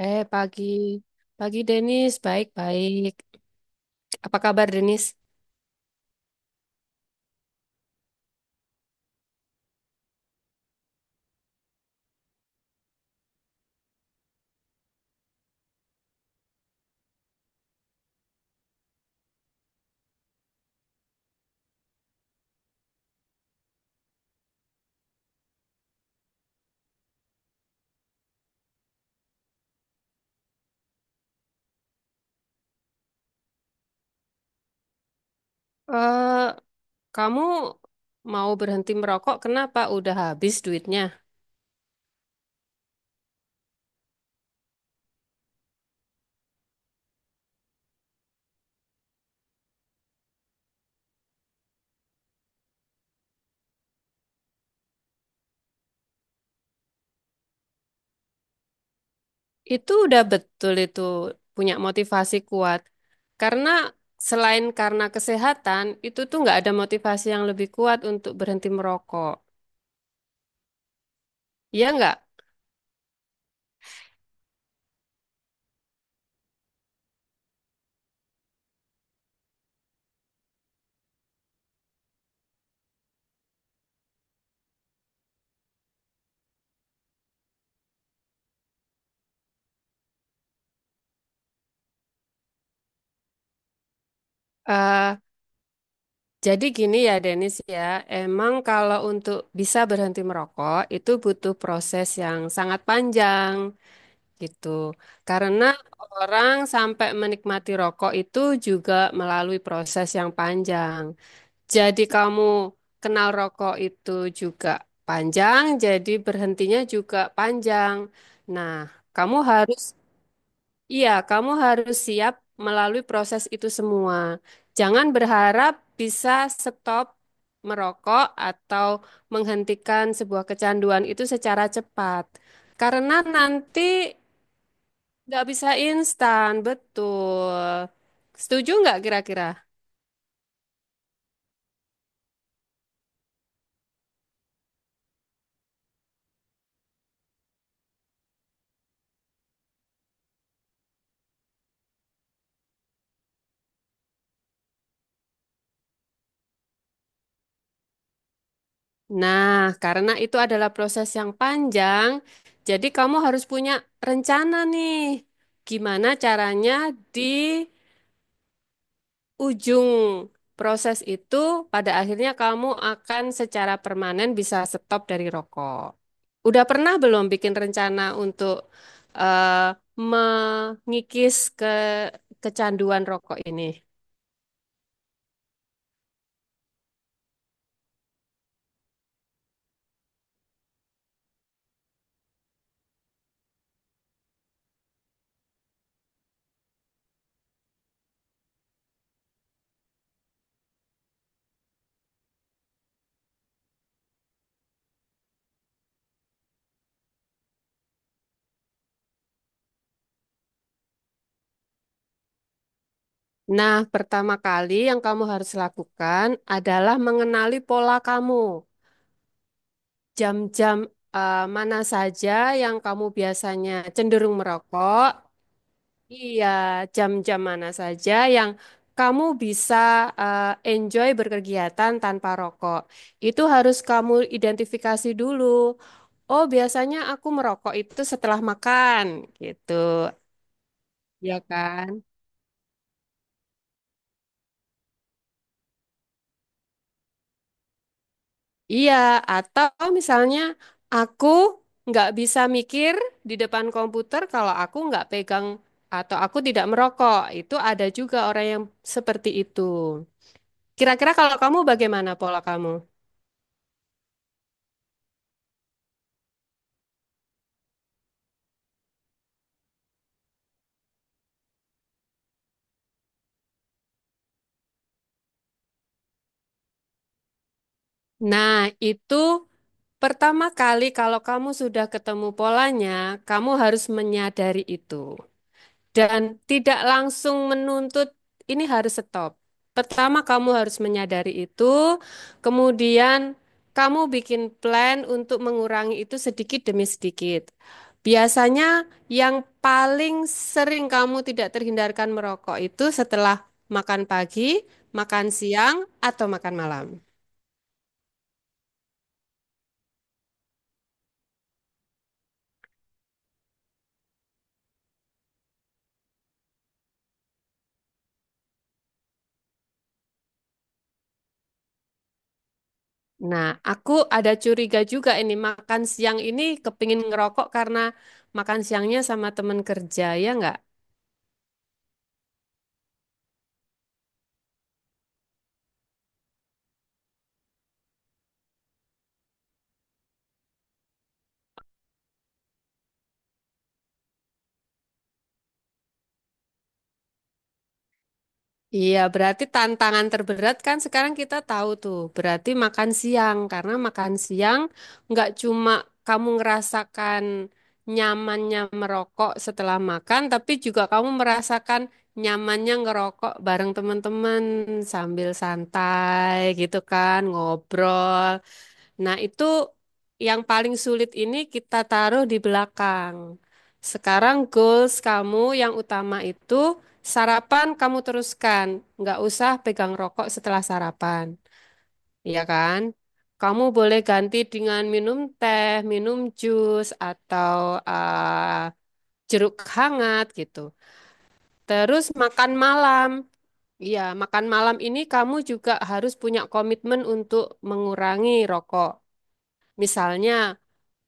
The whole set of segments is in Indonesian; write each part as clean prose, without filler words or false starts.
Pagi. Pagi, Denis. Baik-baik. Apa kabar, Denis? Eh, Kamu mau berhenti merokok, kenapa? Udah habis duitnya. Itu udah betul itu punya motivasi kuat. Karena selain karena kesehatan, itu tuh nggak ada motivasi yang lebih kuat untuk berhenti merokok. Iya nggak? Eh, jadi gini ya, Denis ya. Emang kalau untuk bisa berhenti merokok, itu butuh proses yang sangat panjang. Gitu. Karena orang sampai menikmati rokok itu juga melalui proses yang panjang. Jadi kamu kenal rokok itu juga panjang, jadi berhentinya juga panjang. Nah, kamu harus, iya, kamu harus siap melalui proses itu semua. Jangan berharap bisa stop merokok atau menghentikan sebuah kecanduan itu secara cepat. Karena nanti. Nggak bisa instan, betul. Setuju nggak kira-kira? Nah, karena itu adalah proses yang panjang, jadi kamu harus punya rencana nih. Gimana caranya di ujung proses itu, pada akhirnya kamu akan secara permanen bisa stop dari rokok. Udah pernah belum bikin rencana untuk eh, mengikis ke kecanduan rokok ini? Nah, pertama kali yang kamu harus lakukan adalah mengenali pola kamu. Jam-jam mana saja yang kamu biasanya cenderung merokok? Iya, jam-jam mana saja yang kamu bisa eh, enjoy berkegiatan tanpa rokok. Itu harus kamu identifikasi dulu. Oh, biasanya aku merokok itu setelah makan, gitu. Ya kan? Iya, atau misalnya aku nggak bisa mikir di depan komputer kalau aku nggak pegang atau aku tidak merokok. Itu ada juga orang yang seperti itu. Kira-kira kalau kamu bagaimana pola kamu? Nah, itu pertama kali kalau kamu sudah ketemu polanya, kamu harus menyadari itu, dan tidak langsung menuntut ini harus stop. Pertama, kamu harus menyadari itu, kemudian kamu bikin plan untuk mengurangi itu sedikit demi sedikit. Biasanya yang paling sering kamu tidak terhindarkan merokok itu setelah makan pagi, makan siang, atau makan malam. Nah, aku ada curiga juga ini makan siang ini kepingin ngerokok karena makan siangnya sama teman kerja, ya nggak? Iya, berarti tantangan terberat kan sekarang kita tahu tuh, berarti makan siang. Karena makan siang nggak cuma kamu ngerasakan nyamannya merokok setelah makan, tapi juga kamu merasakan nyamannya ngerokok bareng teman-teman sambil santai gitu kan, ngobrol. Nah, itu yang paling sulit ini kita taruh di belakang. Sekarang goals kamu yang utama itu sarapan kamu teruskan. Nggak usah pegang rokok setelah sarapan, ya kan? Kamu boleh ganti dengan minum teh, minum jus, atau eh, jeruk hangat gitu. Terus makan malam. Iya, makan malam ini kamu juga harus punya komitmen untuk mengurangi rokok. Misalnya,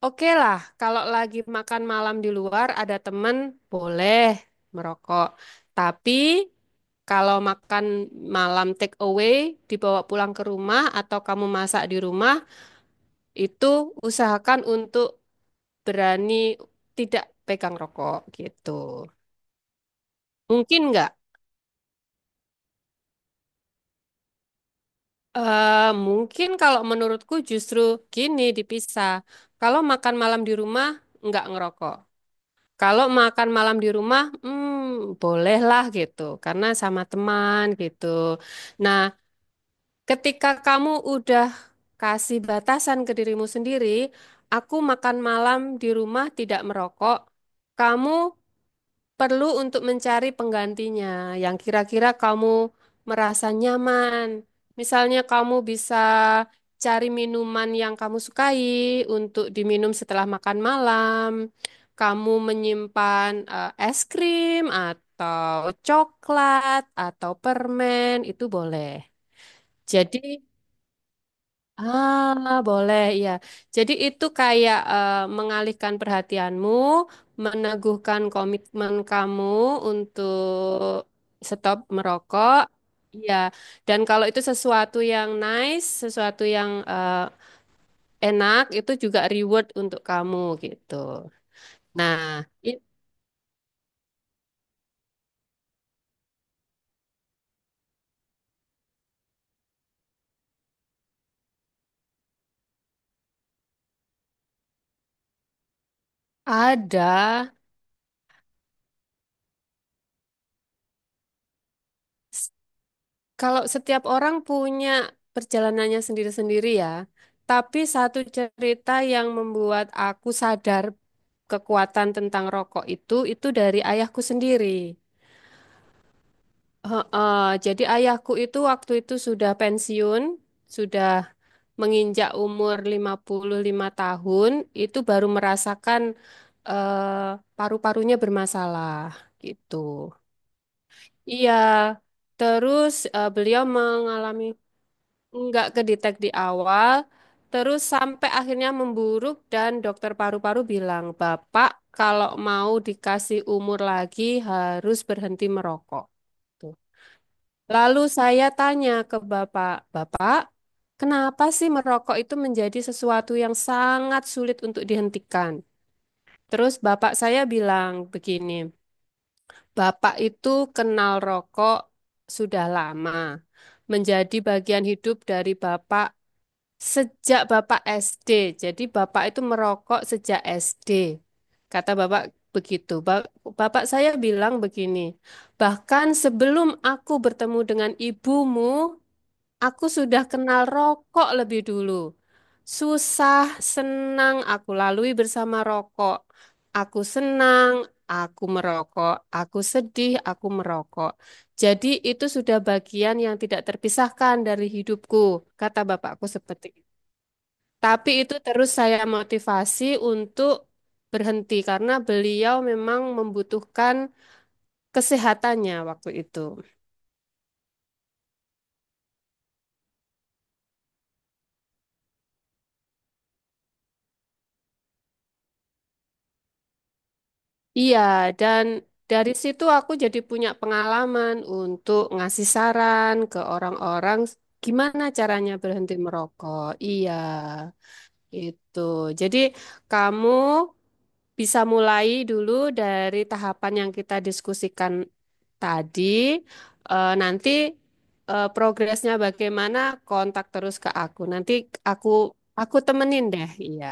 oke lah, kalau lagi makan malam di luar ada temen boleh merokok. Tapi kalau makan malam take away dibawa pulang ke rumah atau kamu masak di rumah itu usahakan untuk berani tidak pegang rokok gitu. Mungkin nggak? Mungkin kalau menurutku justru gini dipisah. Kalau makan malam di rumah nggak ngerokok. Kalau makan malam di rumah, hmm, bolehlah gitu, karena sama teman gitu. Nah, ketika kamu udah kasih batasan ke dirimu sendiri, aku makan malam di rumah tidak merokok, kamu perlu untuk mencari penggantinya yang kira-kira kamu merasa nyaman. Misalnya kamu bisa cari minuman yang kamu sukai untuk diminum setelah makan malam. Kamu menyimpan es krim atau coklat atau permen itu boleh. Jadi ah, boleh ya. Jadi itu kayak mengalihkan perhatianmu, meneguhkan komitmen kamu untuk stop merokok. Ya, dan kalau itu sesuatu yang nice, sesuatu yang enak, itu juga reward untuk kamu gitu. Nah, i- ada. Kalau setiap orang punya perjalanannya sendiri-sendiri ya, tapi satu cerita yang membuat aku sadar kekuatan tentang rokok itu dari ayahku sendiri. Heeh, jadi ayahku itu waktu itu sudah pensiun, sudah menginjak umur 55 tahun, itu baru merasakan eh, paru-parunya bermasalah gitu. Iya, terus beliau mengalami nggak kedetek di awal, terus sampai akhirnya memburuk dan dokter paru-paru bilang, Bapak kalau mau dikasih umur lagi harus berhenti merokok. Tuh. Lalu saya tanya ke Bapak, Bapak, kenapa sih merokok itu menjadi sesuatu yang sangat sulit untuk dihentikan? Terus Bapak saya bilang begini, Bapak itu kenal rokok sudah lama menjadi bagian hidup dari Bapak sejak Bapak SD, jadi Bapak itu merokok sejak SD. Kata Bapak begitu. Bapak saya bilang begini, bahkan sebelum aku bertemu dengan ibumu, aku sudah kenal rokok lebih dulu. Susah, senang aku lalui bersama rokok. Aku senang, aku merokok. Aku sedih, aku merokok. Jadi itu sudah bagian yang tidak terpisahkan dari hidupku, kata bapakku seperti. Tapi itu terus saya motivasi untuk berhenti karena beliau memang membutuhkan kesehatannya waktu itu. Iya, dan dari situ aku jadi punya pengalaman untuk ngasih saran ke orang-orang gimana caranya berhenti merokok. Iya, itu. Jadi kamu bisa mulai dulu dari tahapan yang kita diskusikan tadi. Nanti progresnya bagaimana? Kontak terus ke aku. Nanti aku temenin deh. Iya,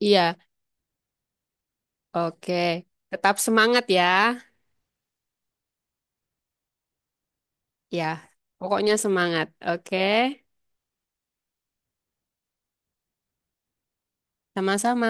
iya. Oke. Tetap semangat ya. Ya, pokoknya semangat. Oke. Sama-sama.